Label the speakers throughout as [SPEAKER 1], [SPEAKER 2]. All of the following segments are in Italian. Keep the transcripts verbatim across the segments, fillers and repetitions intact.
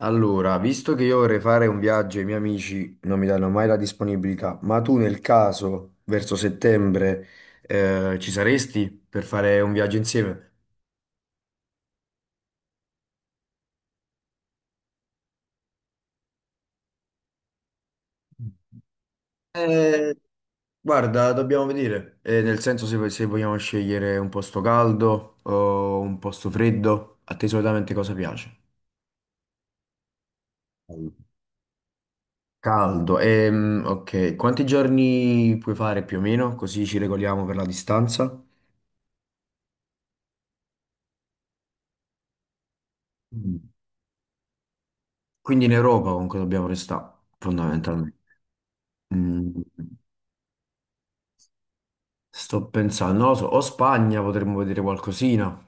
[SPEAKER 1] Allora, visto che io vorrei fare un viaggio e i miei amici non mi danno mai la disponibilità, ma tu nel caso, verso settembre, eh, ci saresti per fare un viaggio insieme? Eh, guarda, dobbiamo vedere. Eh, nel senso se, se vogliamo scegliere un posto caldo o un posto freddo, a te solitamente cosa piace? Caldo, ehm, ok, quanti giorni puoi fare più o meno, così ci regoliamo per la distanza? Quindi in Europa comunque dobbiamo restare, fondamentalmente. Mm, sto pensando, non lo so, o Spagna potremmo vedere qualcosina.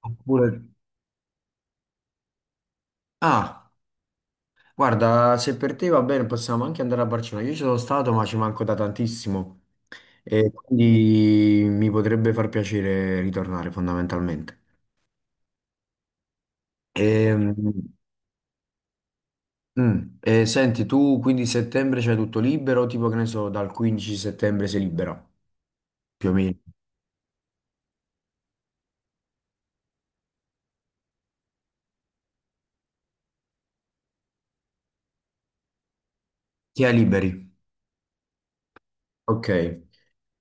[SPEAKER 1] Oppure... Ah, guarda, se per te va bene possiamo anche andare a Barcellona. Io ci sono stato, ma ci manco da tantissimo. E quindi mi potrebbe far piacere ritornare fondamentalmente. Ehm, mm, E, senti, tu quindi settembre c'hai tutto libero? Tipo che ne so, dal quindici settembre sei libera, più o meno. Chi è liberi? Ok.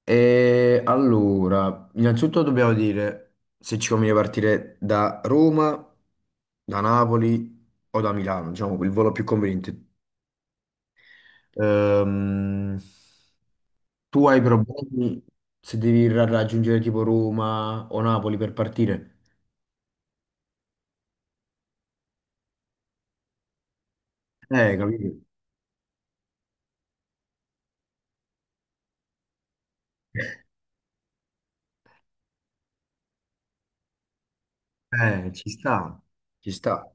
[SPEAKER 1] E allora, innanzitutto dobbiamo dire se ci conviene partire da Roma, da Napoli o da Milano, diciamo il volo più conveniente. Ehm, tu hai problemi se devi ra- raggiungere tipo Roma o Napoli per partire? Eh, capito? Eh, ci sta, ci sta.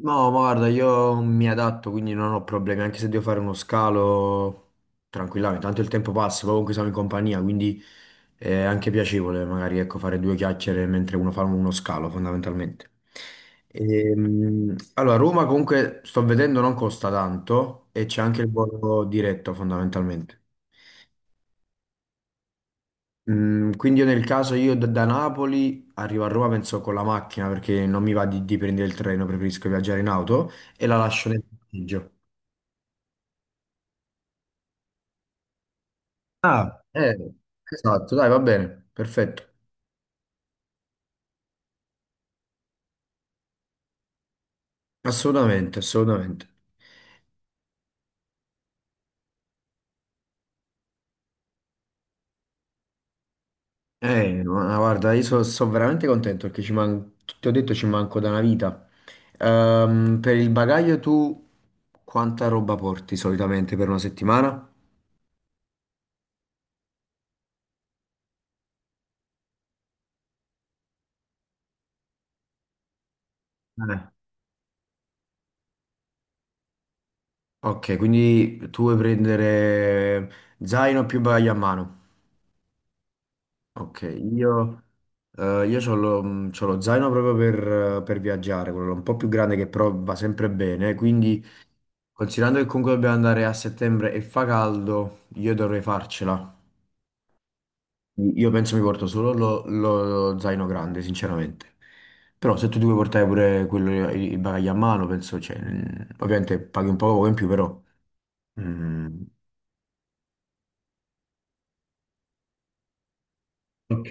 [SPEAKER 1] No, ma guarda, io mi adatto, quindi non ho problemi, anche se devo fare uno scalo tranquillamente, tanto il tempo passa, poi comunque siamo in compagnia, quindi è anche piacevole magari ecco, fare due chiacchiere mentre uno fa uno scalo fondamentalmente. Ehm, allora, Roma comunque sto vedendo non costa tanto e c'è anche il volo diretto fondamentalmente. Mm, quindi io nel caso io da, da Napoli arrivo a Roma penso con la macchina perché non mi va di, di prendere il treno, preferisco viaggiare in auto e la lascio nel parcheggio. Ah, Eh, esatto, dai, va bene, perfetto. Assolutamente, assolutamente. Eh, ma guarda, io so- sono veramente contento perché ci man- ti ho detto ci manco da una vita. Ehm, per il bagaglio tu quanta roba porti solitamente per una settimana? eh, Ok, quindi tu vuoi prendere zaino più bagaglio a mano. Ok, io, eh, io c'ho lo, c'ho lo zaino proprio per, per viaggiare, quello un po' più grande che però va sempre bene, quindi... Considerando che comunque dobbiamo andare a settembre e fa caldo, io dovrei farcela. Io penso mi porto solo lo, lo zaino grande, sinceramente. Però se tu ti vuoi portare pure quello, il bagaglio a mano, penso, cioè, mm, ovviamente paghi un po' poco in più, però... mm, ok,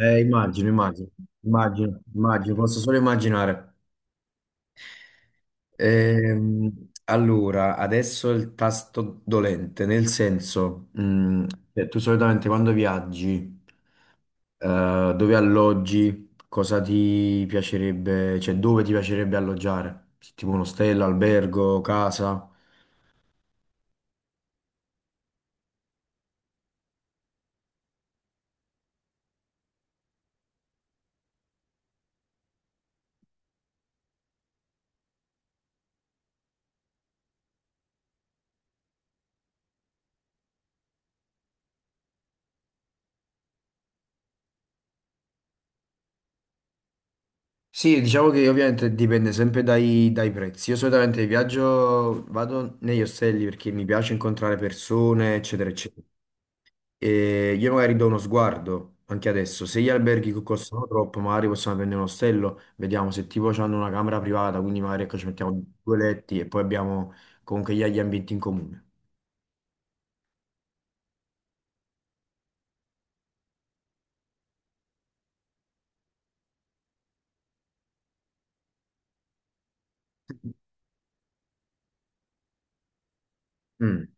[SPEAKER 1] eh, immagino, immagino, immagino, immagino, posso solo immaginare. Ehm, allora, adesso il tasto dolente, nel senso, mm, cioè, tu solitamente quando viaggi... Eh, dove alloggi? Cosa ti piacerebbe, cioè dove ti piacerebbe alloggiare? Tipo un ostello, albergo, casa? Sì, diciamo che ovviamente dipende sempre dai, dai prezzi. Io solitamente viaggio, vado negli ostelli perché mi piace incontrare persone, eccetera, eccetera. E io magari do uno sguardo anche adesso. Se gli alberghi co- costano troppo, magari possiamo prendere un ostello, vediamo se tipo hanno una camera privata, quindi magari ecco, ci mettiamo due letti e poi abbiamo comunque gli, gli ambienti in comune. Mm.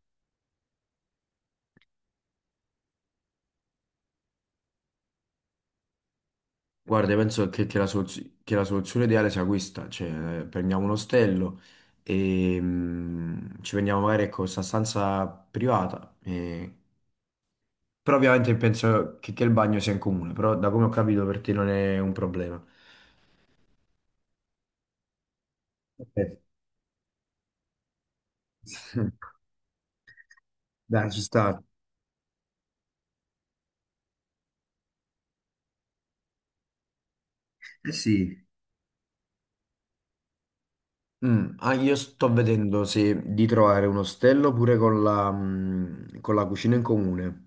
[SPEAKER 1] Guarda, io penso che, che la soluz- che la soluzione ideale sia questa, cioè eh, prendiamo un ostello e mm, ci prendiamo magari ecco, questa stanza privata, eh, però ovviamente penso che, che il bagno sia in comune, però da come ho capito per te non è un problema. Ok. Dai, ci sta. Eh sì. Mm, ah, io sto vedendo se di trovare un ostello pure con la, mm, con la cucina in comune,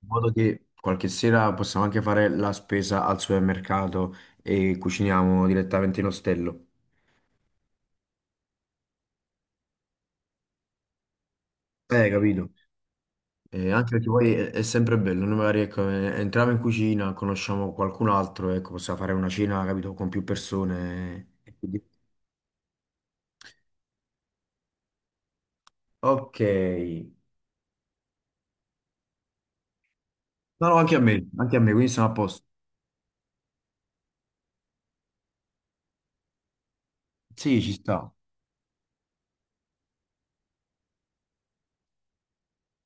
[SPEAKER 1] in modo che qualche sera possiamo anche fare la spesa al supermercato e cuciniamo direttamente in ostello. Eh, capito? Eh, anche perché poi è, è sempre bello, noi magari ecco, eh, entriamo in cucina, conosciamo qualcun altro, ecco, possiamo fare una cena, capito, con più persone. E quindi- Ok. No, no, anche a me, anche a me, quindi sono a posto. Sì, ci sta,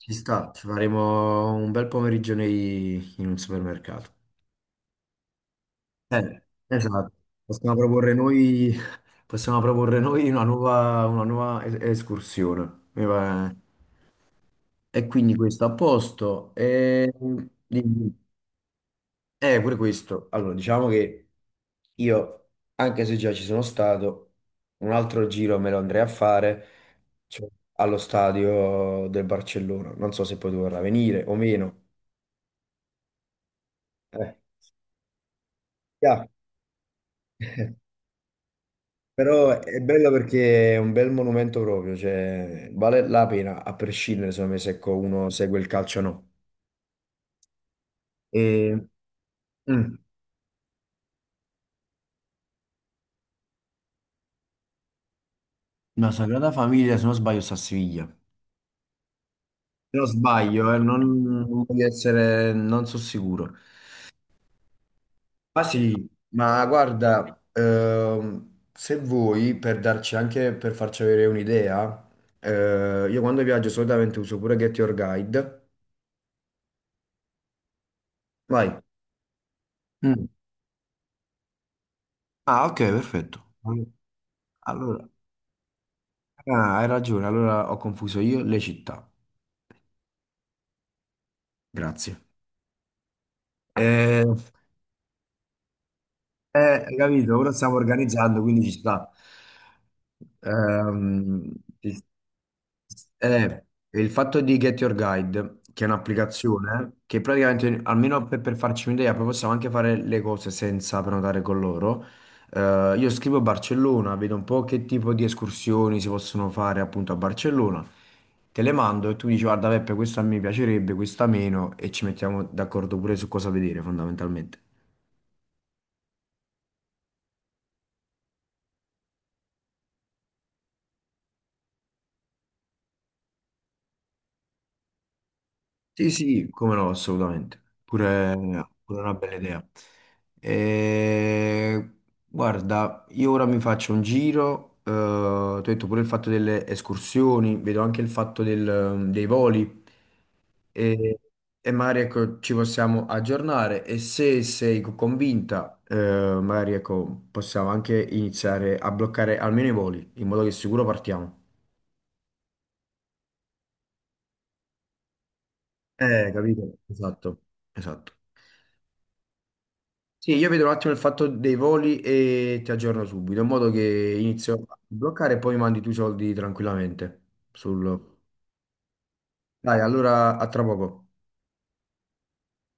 [SPEAKER 1] ci sta, ci faremo un bel pomeriggio nei- in un supermercato. Eh, esatto, possiamo proporre noi, possiamo proporre noi una nuova, una nuova es- escursione. Mi pare. E quindi questo a posto. E... dimmi. Eh, pure questo. Allora, diciamo che io, anche se già ci sono stato, un altro giro me lo andrei a fare, cioè, allo stadio del Barcellona. Non so se poi tu vorrà venire o meno. Eh, yeah. Però è bello perché è un bel monumento proprio, cioè vale la pena a prescindere secondo me se ecco, uno segue il calcio o no. E, mm, La Sagrada Famiglia, se non sbaglio, sta a Siviglia. Se non sbaglio, eh, non, non voglio essere, non sono sicuro. Ma sì, ma guarda, ehm, se vuoi, per darci anche, per farci avere un'idea, eh, io quando viaggio solitamente uso pure Get Your Guide. Vai. Mm. Ah, ok, perfetto. Allora, Allora, ah, hai ragione, allora ho confuso io le città. Grazie. Eh, eh, hai capito? Ora stiamo organizzando, quindi ci sta. Ehm, Eh, il fatto di Get Your Guide, che è un'applicazione che praticamente, almeno per, per farci un'idea, poi possiamo anche fare le cose senza prenotare con loro. Eh, io scrivo Barcellona, vedo un po' che tipo di escursioni si possono fare appunto a Barcellona, te le mando e tu dici guarda Peppe, questa mi piacerebbe, questa meno e ci mettiamo d'accordo pure su cosa vedere fondamentalmente. Sì, sì, come no, assolutamente. Pure, pure una bella idea. E, guarda, io ora mi faccio un giro, eh, ti ho detto pure il fatto delle escursioni, vedo anche il fatto del- dei voli e, e magari ecco, ci possiamo aggiornare e se sei co- convinta, eh, magari ecco, possiamo anche iniziare a bloccare almeno i voli, in modo che sicuro partiamo. Eh, capito? Esatto, esatto. Sì, io vedo un attimo il fatto dei voli e ti aggiorno subito, in modo che inizio a bloccare e poi mandi tu i soldi tranquillamente. Sul- Dai, allora a tra poco.